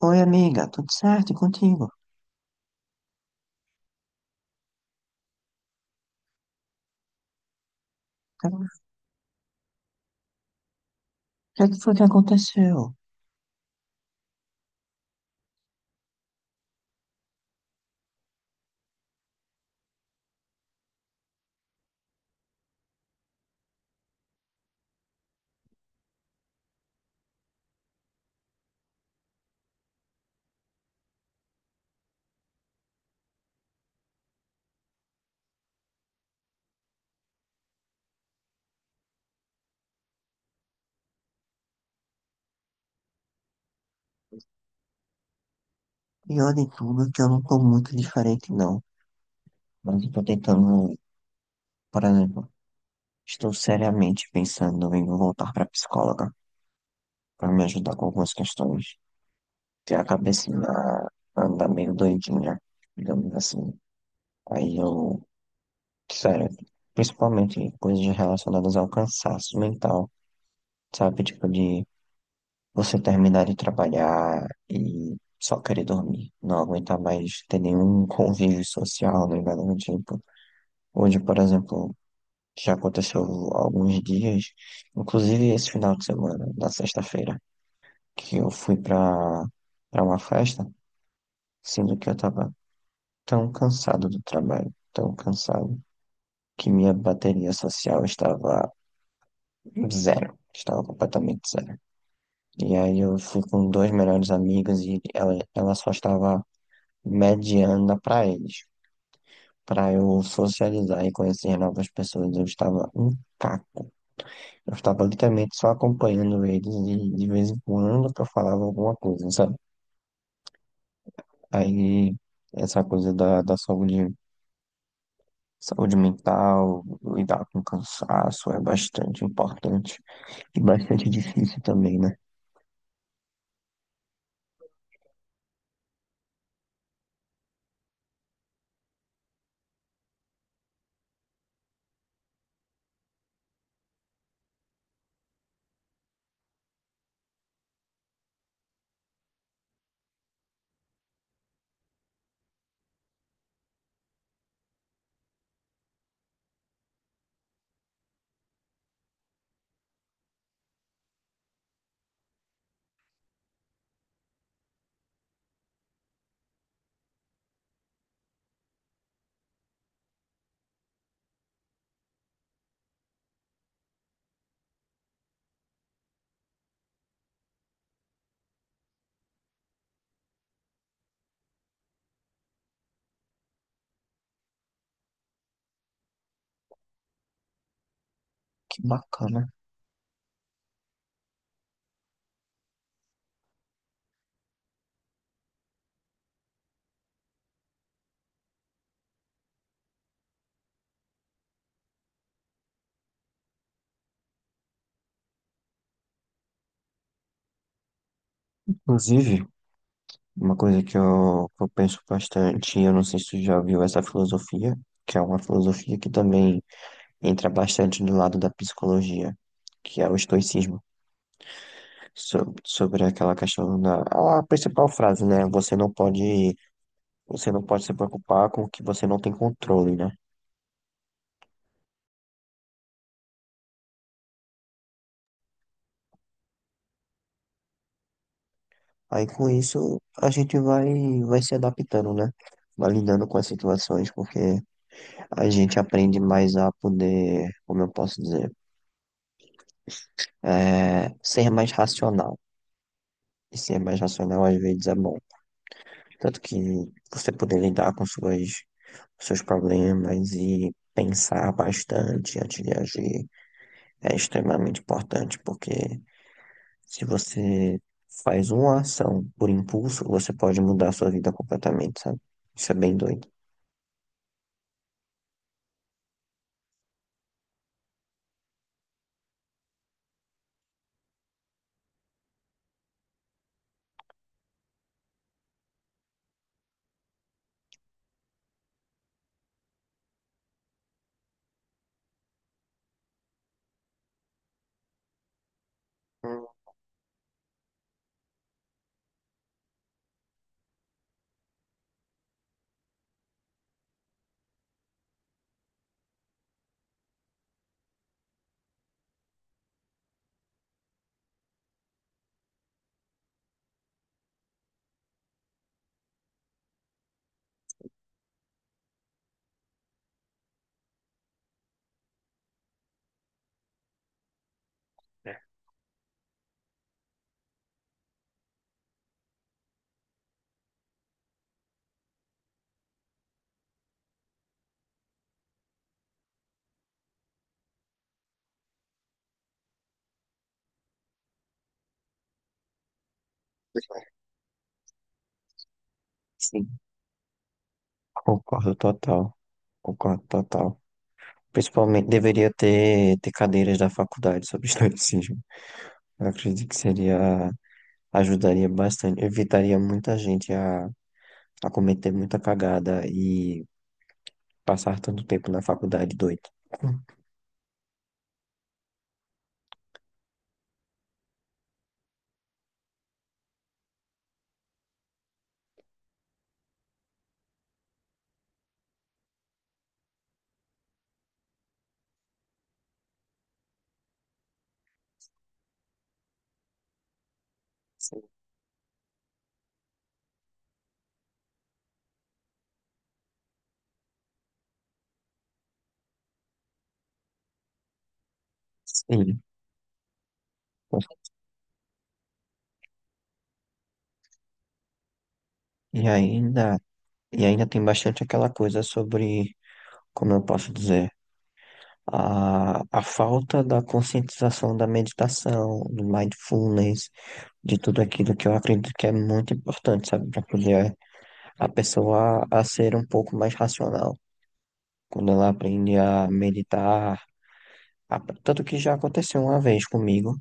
Oi, amiga, tudo certo? E contigo? Cara, o que é que foi que aconteceu? Pior de tudo, é que eu não tô muito diferente, não. Mas eu tô tentando, por exemplo, estou seriamente pensando em voltar pra psicóloga pra me ajudar com algumas questões. Que a cabecinha anda meio doidinha, digamos assim. Aí eu, sério, principalmente coisas relacionadas ao cansaço mental, sabe? Tipo de você terminar de trabalhar e só querer dormir, não aguentar mais ter nenhum convívio social, nem nada do tipo. Hoje, por exemplo, já aconteceu alguns dias, inclusive esse final de semana, na sexta-feira, que eu fui pra uma festa, sendo que eu tava tão cansado do trabalho, tão cansado, que minha bateria social estava zero, estava completamente zero. E aí eu fui com dois melhores amigos e ela só estava mediana para eles, para eu socializar e conhecer novas pessoas. Eu estava um caco. Eu estava literalmente só acompanhando eles e de vez em quando que eu falava alguma coisa, sabe? Aí essa coisa da saúde mental, lidar com cansaço é bastante importante e bastante difícil também, né? Que bacana. Inclusive, uma coisa que eu penso bastante, eu não sei se tu já viu essa filosofia, que é uma filosofia que também entra bastante do lado da psicologia, que é o estoicismo, sobre aquela questão da a principal frase, né? Você não pode se preocupar com o que você não tem controle, né? Aí com isso a gente vai se adaptando, né? Vai lidando com as situações, porque a gente aprende mais a poder, como eu posso dizer, ser mais racional. E ser mais racional às vezes é bom. Tanto que você poder lidar com suas seus problemas e pensar bastante antes de agir é extremamente importante, porque se você faz uma ação por impulso, você pode mudar a sua vida completamente, sabe? Isso é bem doido. Hum. É. Sim, concordo total. Concordo total. Principalmente deveria ter cadeiras da faculdade sobre estoicismo. Eu acredito que seria, ajudaria bastante, evitaria muita gente a cometer muita cagada e passar tanto tempo na faculdade, doido. Sim. Sim. E ainda, e ainda tem bastante aquela coisa sobre, como eu posso dizer, a falta da conscientização da meditação, do mindfulness, de tudo aquilo que eu acredito que é muito importante, sabe, para poder a pessoa a ser um pouco mais racional. Quando ela aprende a meditar, tanto que já aconteceu uma vez comigo,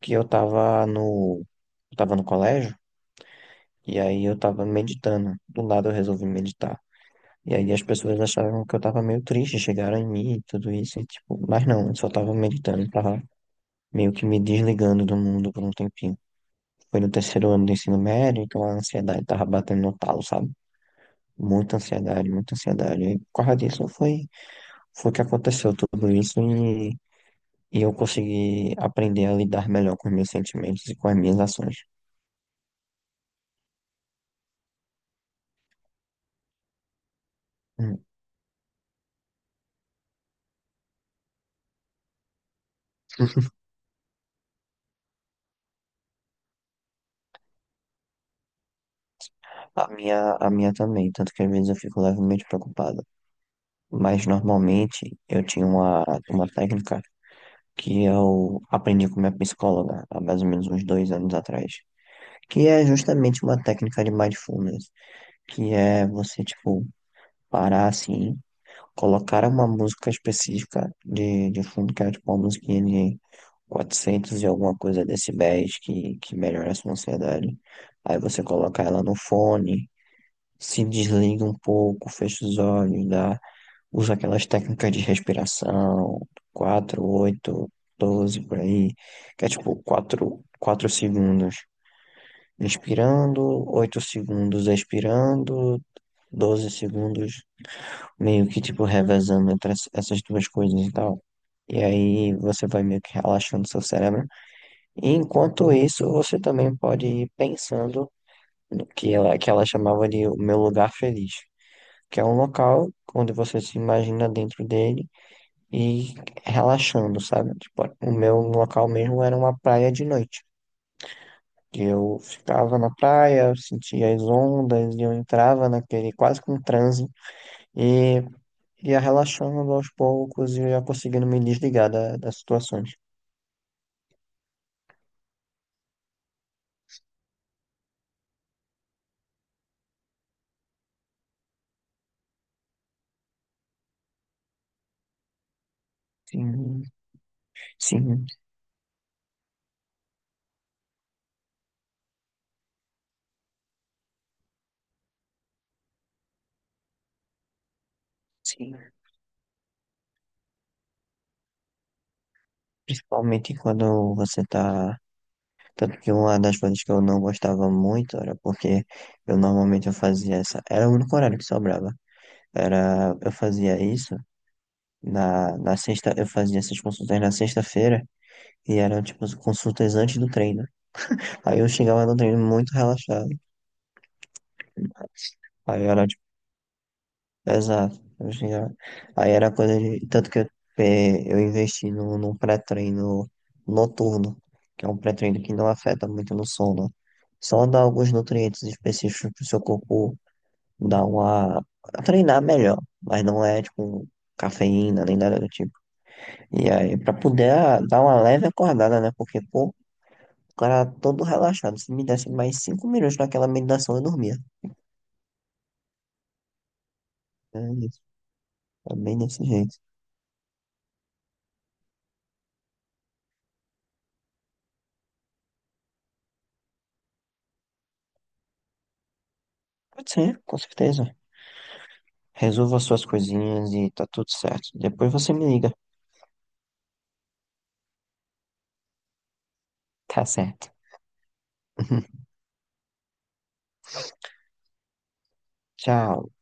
que eu tava no colégio. E aí eu tava meditando. Do nada eu resolvi meditar. E aí as pessoas acharam que eu tava meio triste, chegaram em mim e tudo isso, e tipo, mas não, eu só tava meditando, tava meio que me desligando do mundo por um tempinho. Foi no terceiro ano do ensino médio, então a ansiedade tava batendo no talo, sabe? Muita ansiedade, muita ansiedade. E por causa disso foi, que aconteceu tudo isso e eu consegui aprender a lidar melhor com os meus sentimentos e com as minhas ações. Hum. A minha também, tanto que às vezes eu fico levemente preocupado. Mas normalmente eu tinha uma técnica que eu aprendi com minha psicóloga há mais ou menos uns 2 anos atrás, que é justamente uma técnica de mindfulness, que é você, tipo, parar assim, colocar uma música específica de fundo, que é tipo uma musiquinha de 400 e alguma coisa decibéis que melhora a sua ansiedade. Aí você coloca ela no fone, se desliga um pouco, fecha os olhos, dá Uso aquelas técnicas de respiração, 4 8 12 por aí, que é tipo quatro segundos inspirando, 8 segundos expirando, 12 segundos meio que tipo revezando entre essas duas coisas e tal. E aí você vai meio que relaxando seu cérebro. E enquanto isso, você também pode ir pensando no que ela chamava de o meu lugar feliz, que é um local onde você se imagina dentro dele e relaxando, sabe? Tipo, o meu local mesmo era uma praia de noite. E eu ficava na praia, eu sentia as ondas, e eu entrava naquele quase com transe e ia relaxando aos poucos e ia conseguindo me desligar das situações. Sim, sim, sim. Principalmente quando você tá. Tanto que uma das coisas que eu não gostava muito era porque eu normalmente eu fazia essa. Era o único horário que sobrava. Era, eu fazia isso. Na sexta, eu fazia essas consultas na sexta-feira e eram tipo as consultas antes do treino. Aí eu chegava no treino muito relaxado. Aí era tipo, exato. Eu chegava- Aí era coisa de. Tanto que eu, eu investi num pré-treino noturno, que é um pré-treino que não afeta muito no sono. Só dá alguns nutrientes específicos pro seu corpo dar uma. Treinar melhor. Mas não é tipo cafeína nem nada do tipo. E aí, pra poder dar uma leve acordada, né? Porque, pô, o cara todo relaxado. Se me desse mais 5 minutos naquela meditação, eu dormia. É isso. É bem desse jeito. Pode ser, com certeza. Resolva suas coisinhas e tá tudo certo. Depois você me liga. Tá certo. Tchau.